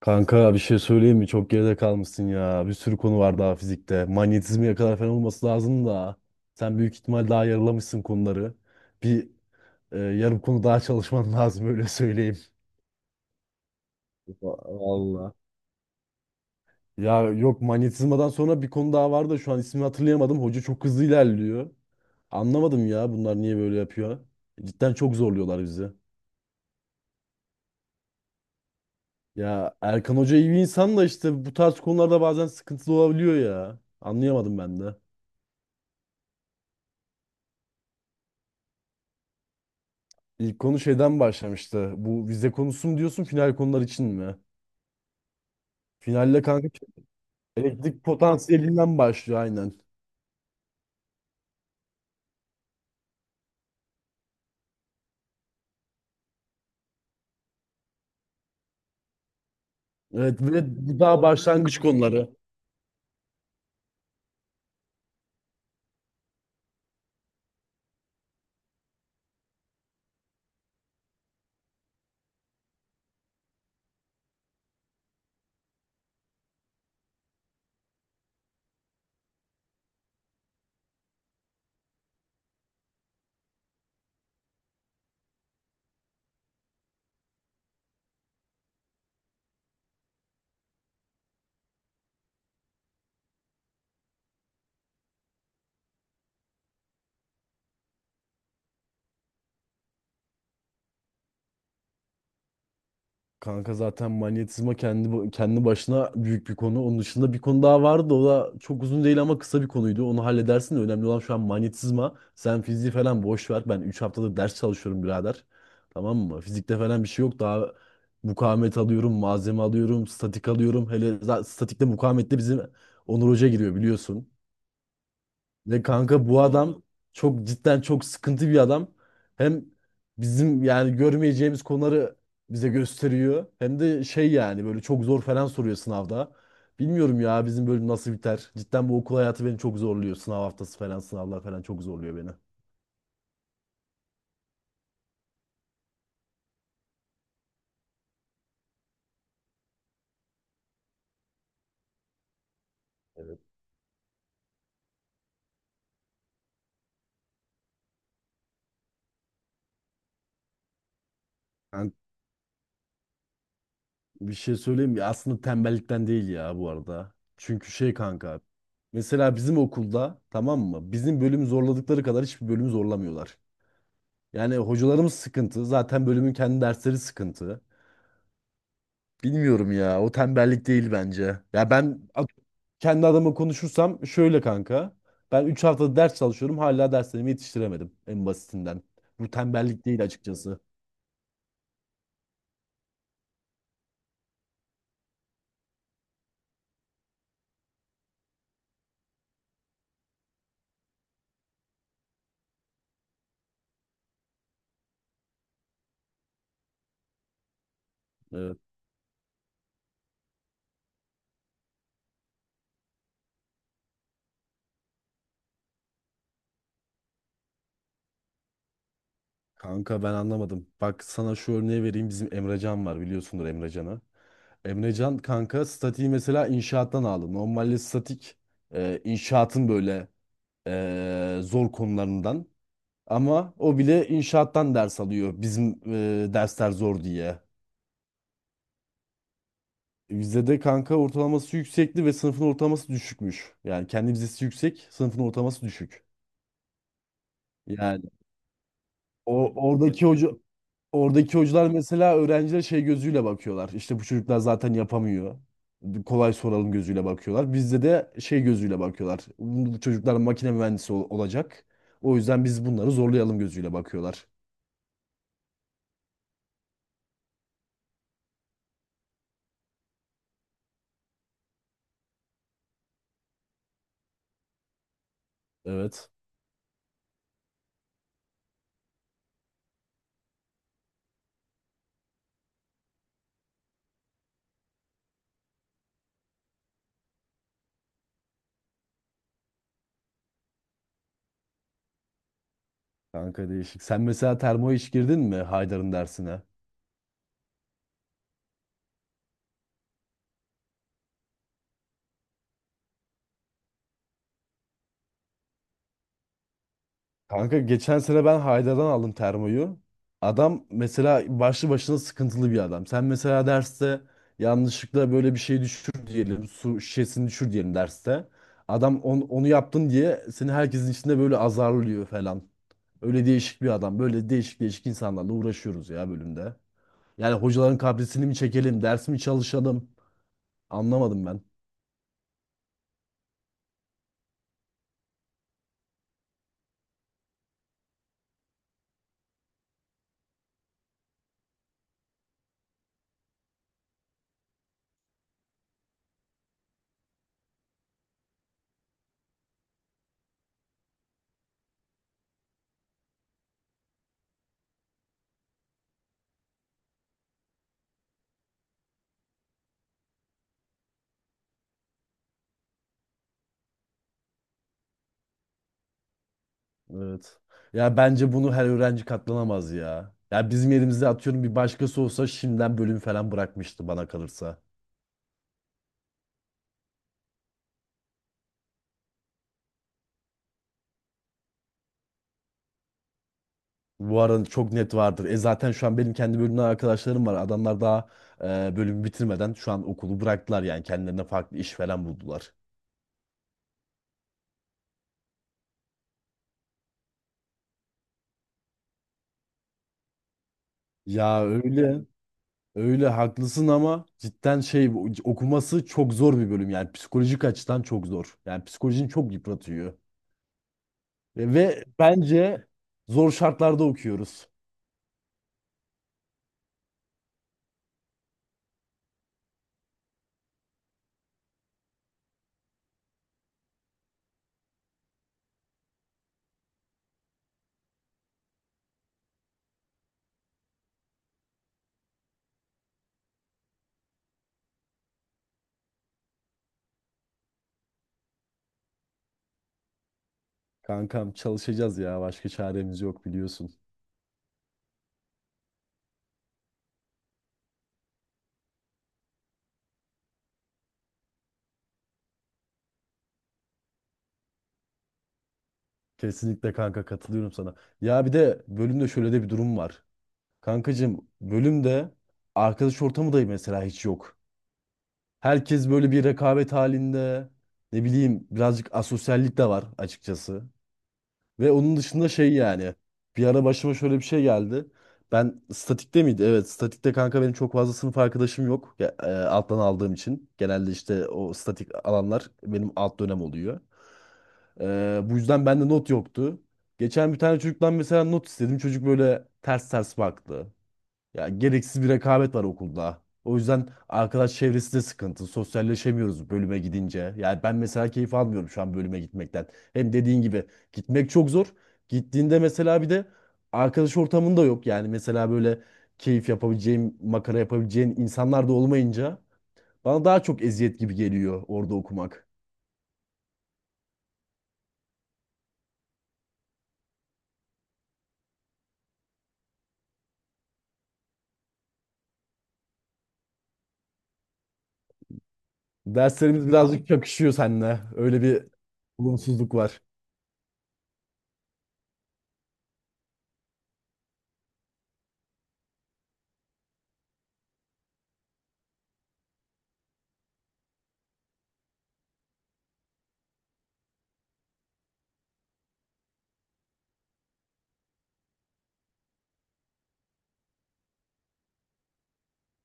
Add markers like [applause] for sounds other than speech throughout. Kanka bir şey söyleyeyim mi? Çok geride kalmışsın ya. Bir sürü konu var daha fizikte. Manyetizmaya kadar falan olması lazım da. Sen büyük ihtimal daha yarılamışsın konuları. Bir Yarım konu daha çalışman [laughs] lazım, öyle söyleyeyim. Vallahi. Ya yok, manyetizmadan sonra bir konu daha vardı da şu an ismini hatırlayamadım. Hoca çok hızlı ilerliyor. Anlamadım ya, bunlar niye böyle yapıyor. Cidden çok zorluyorlar bizi. Ya Erkan Hoca iyi bir insan da işte bu tarz konularda bazen sıkıntılı olabiliyor ya. Anlayamadım ben de. İlk konu şeyden başlamıştı. Bu vize konusu mu diyorsun, final konular için mi? Finalle kanka, elektrik potansiyelinden başlıyor aynen. Evet, ve bu daha başlangıç konuları. Kanka zaten manyetizma kendi başına büyük bir konu. Onun dışında bir konu daha vardı. O da çok uzun değil ama kısa bir konuydu. Onu halledersin de önemli olan şu an manyetizma. Sen fiziği falan boş ver. Ben 3 haftadır ders çalışıyorum birader. Tamam mı? Fizikte falan bir şey yok. Daha mukavemet alıyorum, malzeme alıyorum, statik alıyorum. Hele statikte, mukavemette bizim Onur Hoca giriyor, biliyorsun. Ve kanka bu adam çok, cidden çok sıkıntı bir adam. Hem bizim yani görmeyeceğimiz konuları bize gösteriyor. Hem de şey, yani böyle çok zor falan soruyor sınavda. Bilmiyorum ya bizim bölüm nasıl biter. Cidden bu okul hayatı beni çok zorluyor. Sınav haftası falan, sınavlar falan çok zorluyor beni. Evet. Ben bir şey söyleyeyim mi? Aslında tembellikten değil ya bu arada. Çünkü şey kanka. Mesela bizim okulda, tamam mı? Bizim bölümü zorladıkları kadar hiçbir bölümü zorlamıyorlar. Yani hocalarımız sıkıntı. Zaten bölümün kendi dersleri sıkıntı. Bilmiyorum ya. O tembellik değil bence. Kendi adıma konuşursam şöyle kanka. Ben 3 haftada ders çalışıyorum. Hala derslerimi yetiştiremedim en basitinden. Bu tembellik değil açıkçası. Evet. Kanka ben anlamadım. Bak sana şu örneği vereyim. Bizim Emrecan var, biliyorsundur Emrecan'ı. Emrecan kanka statiği mesela inşaattan aldı. Normalde statik inşaatın böyle zor konularından. Ama o bile inşaattan ders alıyor bizim dersler zor diye. Bizde de kanka ortalaması yüksekti ve sınıfın ortalaması düşükmüş. Yani kendi vizesi yüksek, sınıfın ortalaması düşük. Yani o oradaki hoca oradaki hocalar mesela öğrencilere şey gözüyle bakıyorlar. İşte bu çocuklar zaten yapamıyor. Kolay soralım gözüyle bakıyorlar. Bizde de şey gözüyle bakıyorlar. Bu çocuklar makine mühendisi olacak. O yüzden biz bunları zorlayalım gözüyle bakıyorlar. Evet. Kanka değişik. Sen mesela termo hiç girdin mi Haydar'ın dersine? Kanka geçen sene ben Haydar'dan aldım termoyu. Adam mesela başlı başına sıkıntılı bir adam. Sen mesela derste yanlışlıkla böyle bir şey düşür diyelim. Su şişesini düşür diyelim derste. Adam onu yaptın diye seni herkesin içinde böyle azarlıyor falan. Öyle değişik bir adam. Böyle değişik değişik insanlarla uğraşıyoruz ya bölümde. Yani hocaların kaprisini mi çekelim, ders mi çalışalım? Anlamadım ben. Evet. Ya bence bunu her öğrenci katlanamaz ya. Ya bizim yerimizde atıyorum bir başkası olsa şimdiden bölüm falan bırakmıştı bana kalırsa. Bu arada çok net vardır. E zaten şu an benim kendi bölümden arkadaşlarım var. Adamlar daha bölümü bitirmeden şu an okulu bıraktılar, yani kendilerine farklı iş falan buldular. Ya öyle. Öyle haklısın ama cidden şey, okuması çok zor bir bölüm, yani psikolojik açıdan çok zor. Yani psikolojini çok yıpratıyor. Ve bence zor şartlarda okuyoruz. Kankam çalışacağız ya. Başka çaremiz yok biliyorsun. Kesinlikle kanka, katılıyorum sana. Ya bir de bölümde şöyle de bir durum var. Kankacığım bölümde arkadaş ortamı da mesela hiç yok. Herkes böyle bir rekabet halinde. Ne bileyim, birazcık asosyallik de var açıkçası. Ve onun dışında şey yani. Bir ara başıma şöyle bir şey geldi. Ben statikte miydi? Evet, statikte kanka benim çok fazla sınıf arkadaşım yok. Ya, alttan aldığım için. Genelde işte o statik alanlar benim alt dönem oluyor. Bu yüzden bende not yoktu. Geçen bir tane çocuktan mesela not istedim. Çocuk böyle ters ters baktı. Ya gereksiz bir rekabet var okulda. O yüzden arkadaş çevresi de sıkıntı. Sosyalleşemiyoruz bölüme gidince. Yani ben mesela keyif almıyorum şu an bölüme gitmekten. Hem dediğin gibi gitmek çok zor. Gittiğinde mesela bir de arkadaş ortamın da yok. Yani mesela böyle keyif yapabileceğim, makara yapabileceğin insanlar da olmayınca bana daha çok eziyet gibi geliyor orada okumak. Derslerimiz birazcık çakışıyor seninle. Öyle bir olumsuzluk var.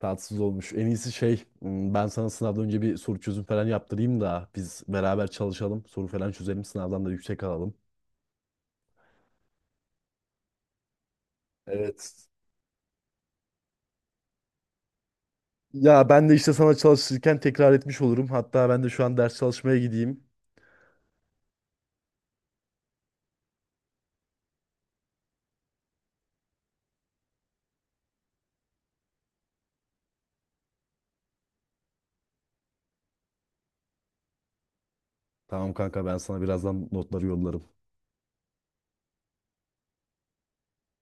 Tatsız olmuş. En iyisi şey, ben sana sınavdan önce bir soru çözüm falan yaptırayım da biz beraber çalışalım. Soru falan çözelim, sınavdan da yüksek alalım. Evet. Ya ben de işte sana çalışırken tekrar etmiş olurum. Hatta ben de şu an ders çalışmaya gideyim. Tamam kanka, ben sana birazdan notları yollarım.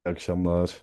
İyi akşamlar.